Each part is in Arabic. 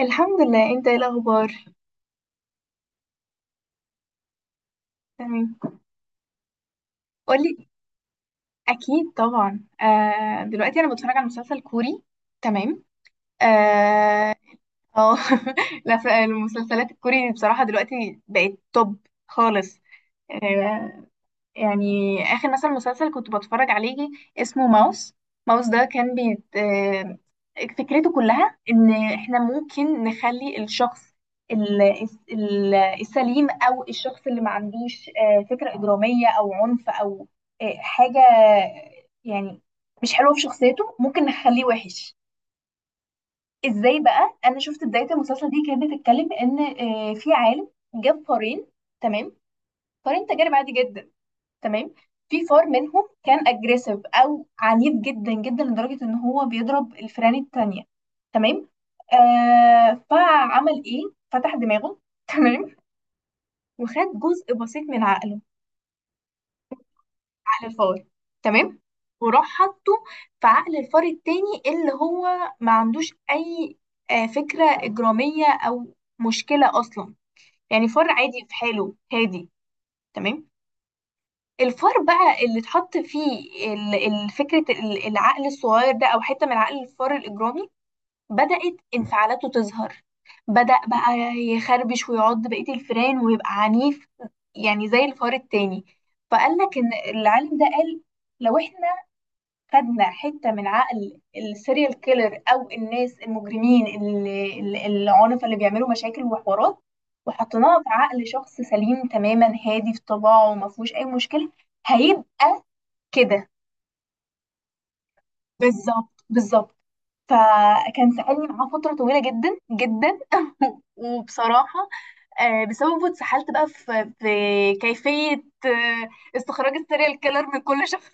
الحمد لله. انت ايه الاخبار؟ تمام. قولي. اكيد طبعا، دلوقتي انا بتفرج على مسلسل كوري. تمام. اه. آه. لا، المسلسلات الكوري بصراحة دلوقتي بقت توب خالص. آه، يعني آخر مثلا مسلسل كنت بتفرج عليه اسمه ماوس. ماوس ده كان بيت، فكرته كلها إن إحنا ممكن نخلي الشخص ال- السليم أو الشخص اللي ما عندوش فكرة إجرامية أو عنف أو حاجة يعني مش حلوة في شخصيته ممكن نخليه وحش. إزاي بقى أنا شفت بداية المسلسل دي كانت بتتكلم إن في عالم جاب فارين. تمام. فارين تجارب عادي جدا. تمام. في فار منهم كان اجريسيف او عنيف جدا جدا لدرجه ان هو بيضرب الفئران التانية. تمام. فعمل ايه؟ فتح دماغه. تمام. وخد جزء بسيط من عقله. عقل الفار. تمام. وراح حطه في عقل الفار التاني اللي هو ما عندوش اي فكره اجراميه او مشكله اصلا، يعني فار عادي في حاله هادي. تمام. الفار بقى اللي اتحط فيه ال- فكرة العقل الصغير ده أو حتة من عقل الفار الإجرامي بدأت انفعالاته تظهر. بدأ بقى يخربش ويعض بقية الفئران ويبقى عنيف، يعني زي الفار التاني. فقال لك إن العالم ده قال لو احنا خدنا حتة من عقل السيريال كيلر او الناس المجرمين العنف اللي بيعملوا مشاكل وحوارات وحطيناها في عقل شخص سليم تماما هادي في طباعه وما فيهوش اي مشكلة، هيبقى كده. بالظبط بالظبط. فكان سألني معاه فترة طويلة جدا جدا وبصراحة بسببه اتسحلت بقى في كيفية آه، استخراج السيريال كيلر من كل شخص.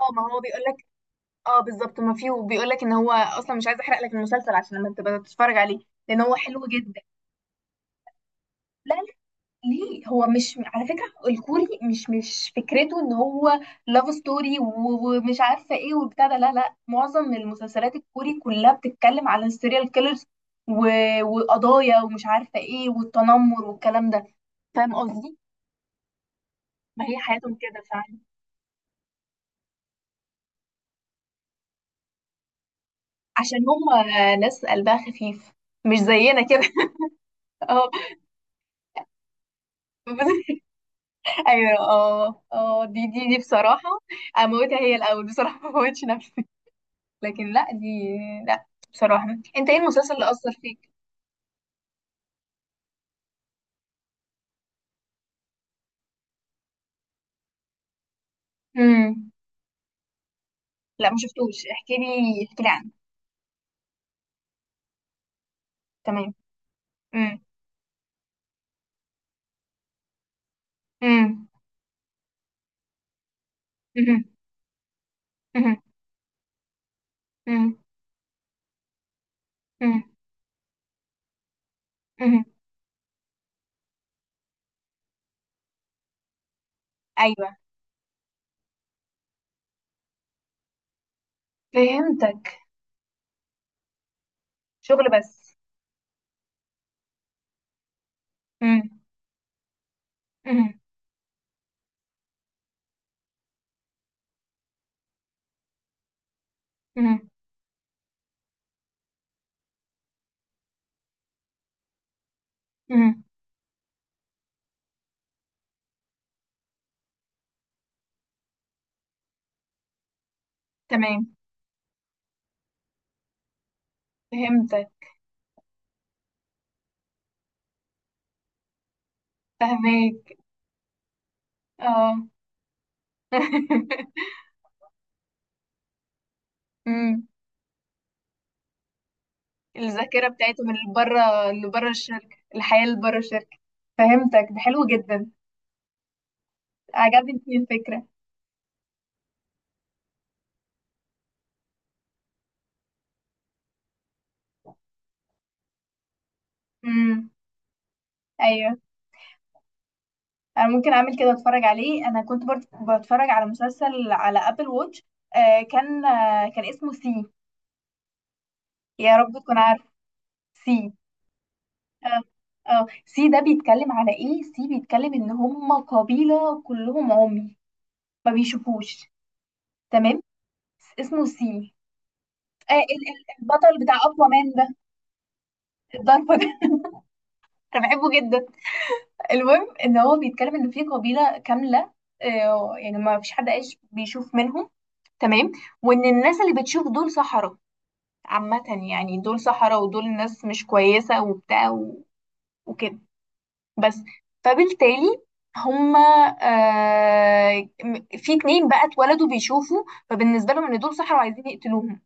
اه، ما هو بيقول لك. اه، بالظبط، ما فيه، وبيقول لك ان هو اصلا مش عايز احرق لك المسلسل عشان لما تبقى تتفرج عليه، لان هو حلو جدا. لا، لا. ليه؟ هو مش على فكره، الكوري مش فكرته ان هو لاف ستوري ومش عارفه ايه وبتاع ده. لا، لا، معظم المسلسلات الكوري كلها بتتكلم على السيريال كيلرز و... وقضايا ومش عارفه ايه والتنمر والكلام ده. فاهم قصدي؟ ما هي حياتهم كده فعلا. عشان هم ناس قلبها خفيف، مش زينا كده. اه، ايوه، اه، اه، دي بصراحه، اموتها هي الاول بصراحه، ما اموتش نفسي. لكن لا، دي لا، بصراحه. انت ايه المسلسل اللي اثر فيك؟ امم. لا، ما شفتوش، احكي لي احكي لي عنه. تمام. امم. امم. أمم. أمم. أمم. أمم. أمم. ايوه، فهمتك. شغل بس. امم. أمم. أمم. أمم. تمام. فهمتك. فهمك. اه. أمم. الذاكرة بتاعتهم اللي بره، اللي بره الشركة، الحياة اللي بره الشركة. فهمتك، ده حلو جدا. عجبتني الفكرة. امم. ايوه، انا ممكن اعمل كده، اتفرج عليه. انا كنت برضه بتفرج على مسلسل على ابل واتش. كان اسمه سي. يا رب تكون عارف. سي. اه. اه، سي ده بيتكلم على ايه؟ سي بيتكلم ان هم قبيلة كلهم عمي، ما بيشوفوش. تمام. اسمه سي. البطل بتاع اقوى مان ده. الضربة ده. انا بحبه جدا. المهم ان هو بيتكلم ان في قبيله كامله، يعني ما فيش حد عايش بيشوف منهم. تمام. وان الناس اللي بتشوف دول سحرة عامه، يعني دول سحرة ودول ناس مش كويسه وبتاع وكده بس. فبالتالي هما في اتنين بقى اتولدوا بيشوفوا. فبالنسبه لهم ان دول سحرة وعايزين يقتلوهم،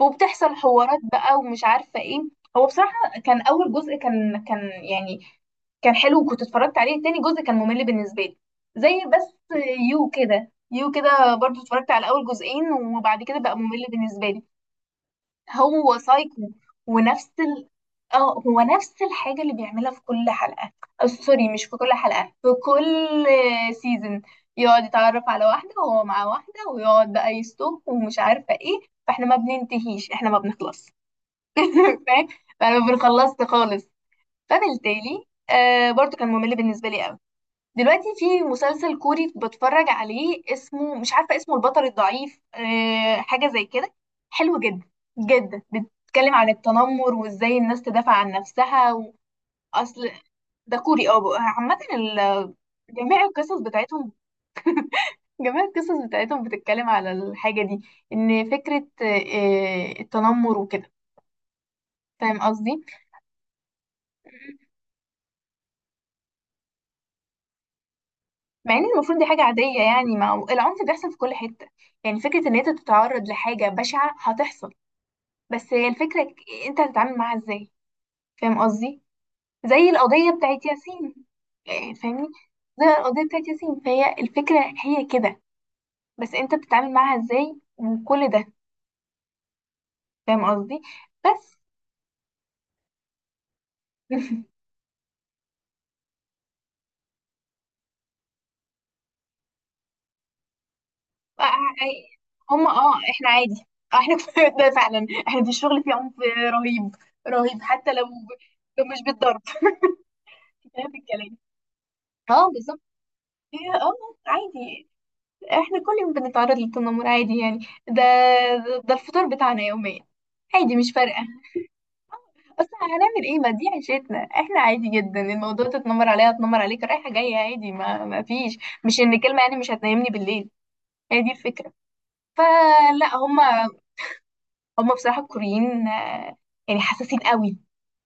وبتحصل حوارات بقى ومش عارفة ايه. هو بصراحة كان أول جزء، كان يعني، كان حلو وكنت اتفرجت عليه. تاني جزء كان ممل بالنسبة لي، زي، بس يو كده يو كده برضو اتفرجت على أول جزئين وبعد كده بقى ممل بالنسبة لي. هو سايكو ونفس ال... اه هو نفس الحاجة اللي بيعملها في كل حلقة، سوري، مش في كل حلقة، في كل سيزون يقعد يتعرف على واحدة وهو مع واحدة ويقعد بقى يستوك ومش عارفة ايه. فاحنا ما بننتهيش، احنا ما بنخلص. فاهم؟ فانا ما بنخلصش خالص. فبالتالي برضو كان ممل بالنسبة لي قوي. دلوقتي في مسلسل كوري بتفرج عليه، اسمه مش عارفة اسمه، البطل الضعيف، حاجة زي كده. حلو جدا جدا، بيتكلم عن التنمر وازاي الناس تدافع عن نفسها. واصل. ده كوري، اه، عامة، جميع القصص بتاعتهم جميع القصص بتاعتهم بتتكلم على الحاجة دي، ان فكرة التنمر وكده. فاهم قصدي؟ مع ان المفروض دي حاجة عادية يعني، ما العنف بيحصل في كل حتة. يعني فكرة ان انت تتعرض لحاجة بشعة هتحصل، بس هي الفكرة انت هتتعامل معاها ازاي. فاهم قصدي؟ زي القضية بتاعت ياسين. يعني فاهمني؟ زي القضية بتاعت ياسين، فهي الفكرة هي كده، بس انت بتتعامل معاها ازاي، وكل ده. فاهم قصدي؟ بس. آه، آه، هم، احنا عادي. احنا كفاية ده فعلا، احنا في الشغل فيه عنف رهيب رهيب، حتى لو مش بالضرب. فاهم الكلام. اه، بالظبط. هي عادي. احنا كل يوم بنتعرض للتنمر عادي يعني. ده ده الفطار بتاعنا يوميا. عادي، مش فارقة. اصلا هنعمل ايه، ما دي عيشتنا، احنا عادي جدا الموضوع. تتنمر عليا، اتنمر عليك، رايحة جاية عادي. ما فيش، مش ان كلمة يعني مش هتنامني بالليل، هي دي الفكرة. فلا هما بصراحة الكوريين، يعني حساسين قوي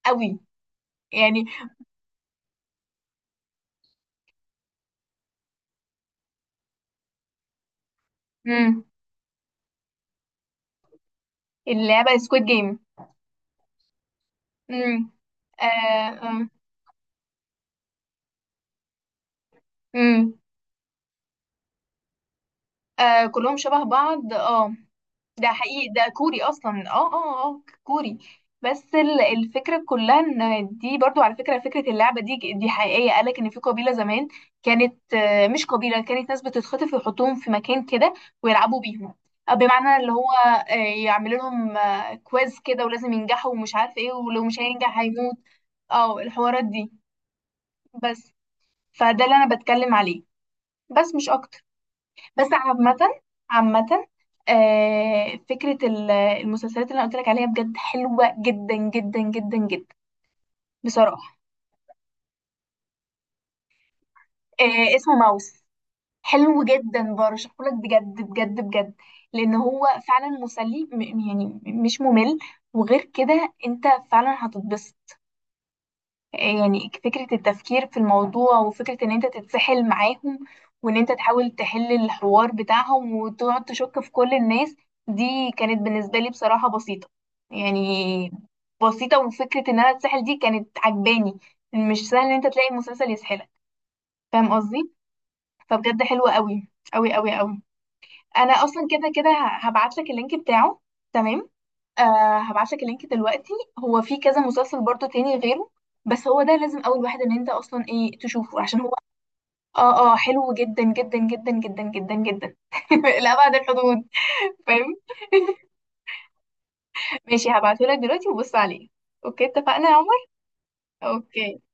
قوي، يعني. امم. اللعبة سكويد جيم. امم. آه. آه. امم. آه. كلهم شبه بعض، اه، ده حقيقي، ده كوري اصلا، اه، اه، اه، كوري. بس الفكره كلها ان دي برضو على فكره اللعبه دي حقيقيه. قالك ان في قبيله زمان كانت، مش قبيله، كانت ناس بتتخطف ويحطوهم في مكان كده ويلعبوا بيهم، بمعنى اللي هو آه، يعملوا لهم كويز كده ولازم ينجحوا ومش عارف ايه، ولو مش هينجح هيموت. اه، الحوارات دي، بس. فده اللي انا بتكلم عليه، بس مش اكتر. بس عامة، فكرة المسلسلات اللي أنا قلت لك عليها بجد حلوة جدا جدا جدا جدا، بصراحة. اسمه ماوس. حلو جدا، برشحه لك بجد بجد بجد، لأن هو فعلا مسلي، يعني مش ممل، وغير كده أنت فعلا هتتبسط. يعني فكرة التفكير في الموضوع، وفكرة ان انت تتسحل معاهم، وان انت تحاول تحل الحوار بتاعهم وتقعد تشك في كل الناس، دي كانت بالنسبة لي بصراحة بسيطة، يعني بسيطة. وفكرة ان انا اتسحل دي كانت عجباني. مش سهل ان انت تلاقي المسلسل يسحلك، فاهم قصدي؟ فبجد حلوة قوي قوي قوي قوي. انا اصلا كده كده هبعت لك اللينك بتاعه. تمام. هبعتلك اللينك دلوقتي. هو في كذا مسلسل برضو تاني غيره، بس هو ده لازم اول واحد ان انت اصلا ايه تشوفه، عشان هو، اه، اه، حلو جدا جدا جدا جدا جدا جدا لأبعد الحدود. فاهم؟ ماشي، هبعتهولك دلوقتي وبص عليه. اوكي، اتفقنا يا عمر. اوكي.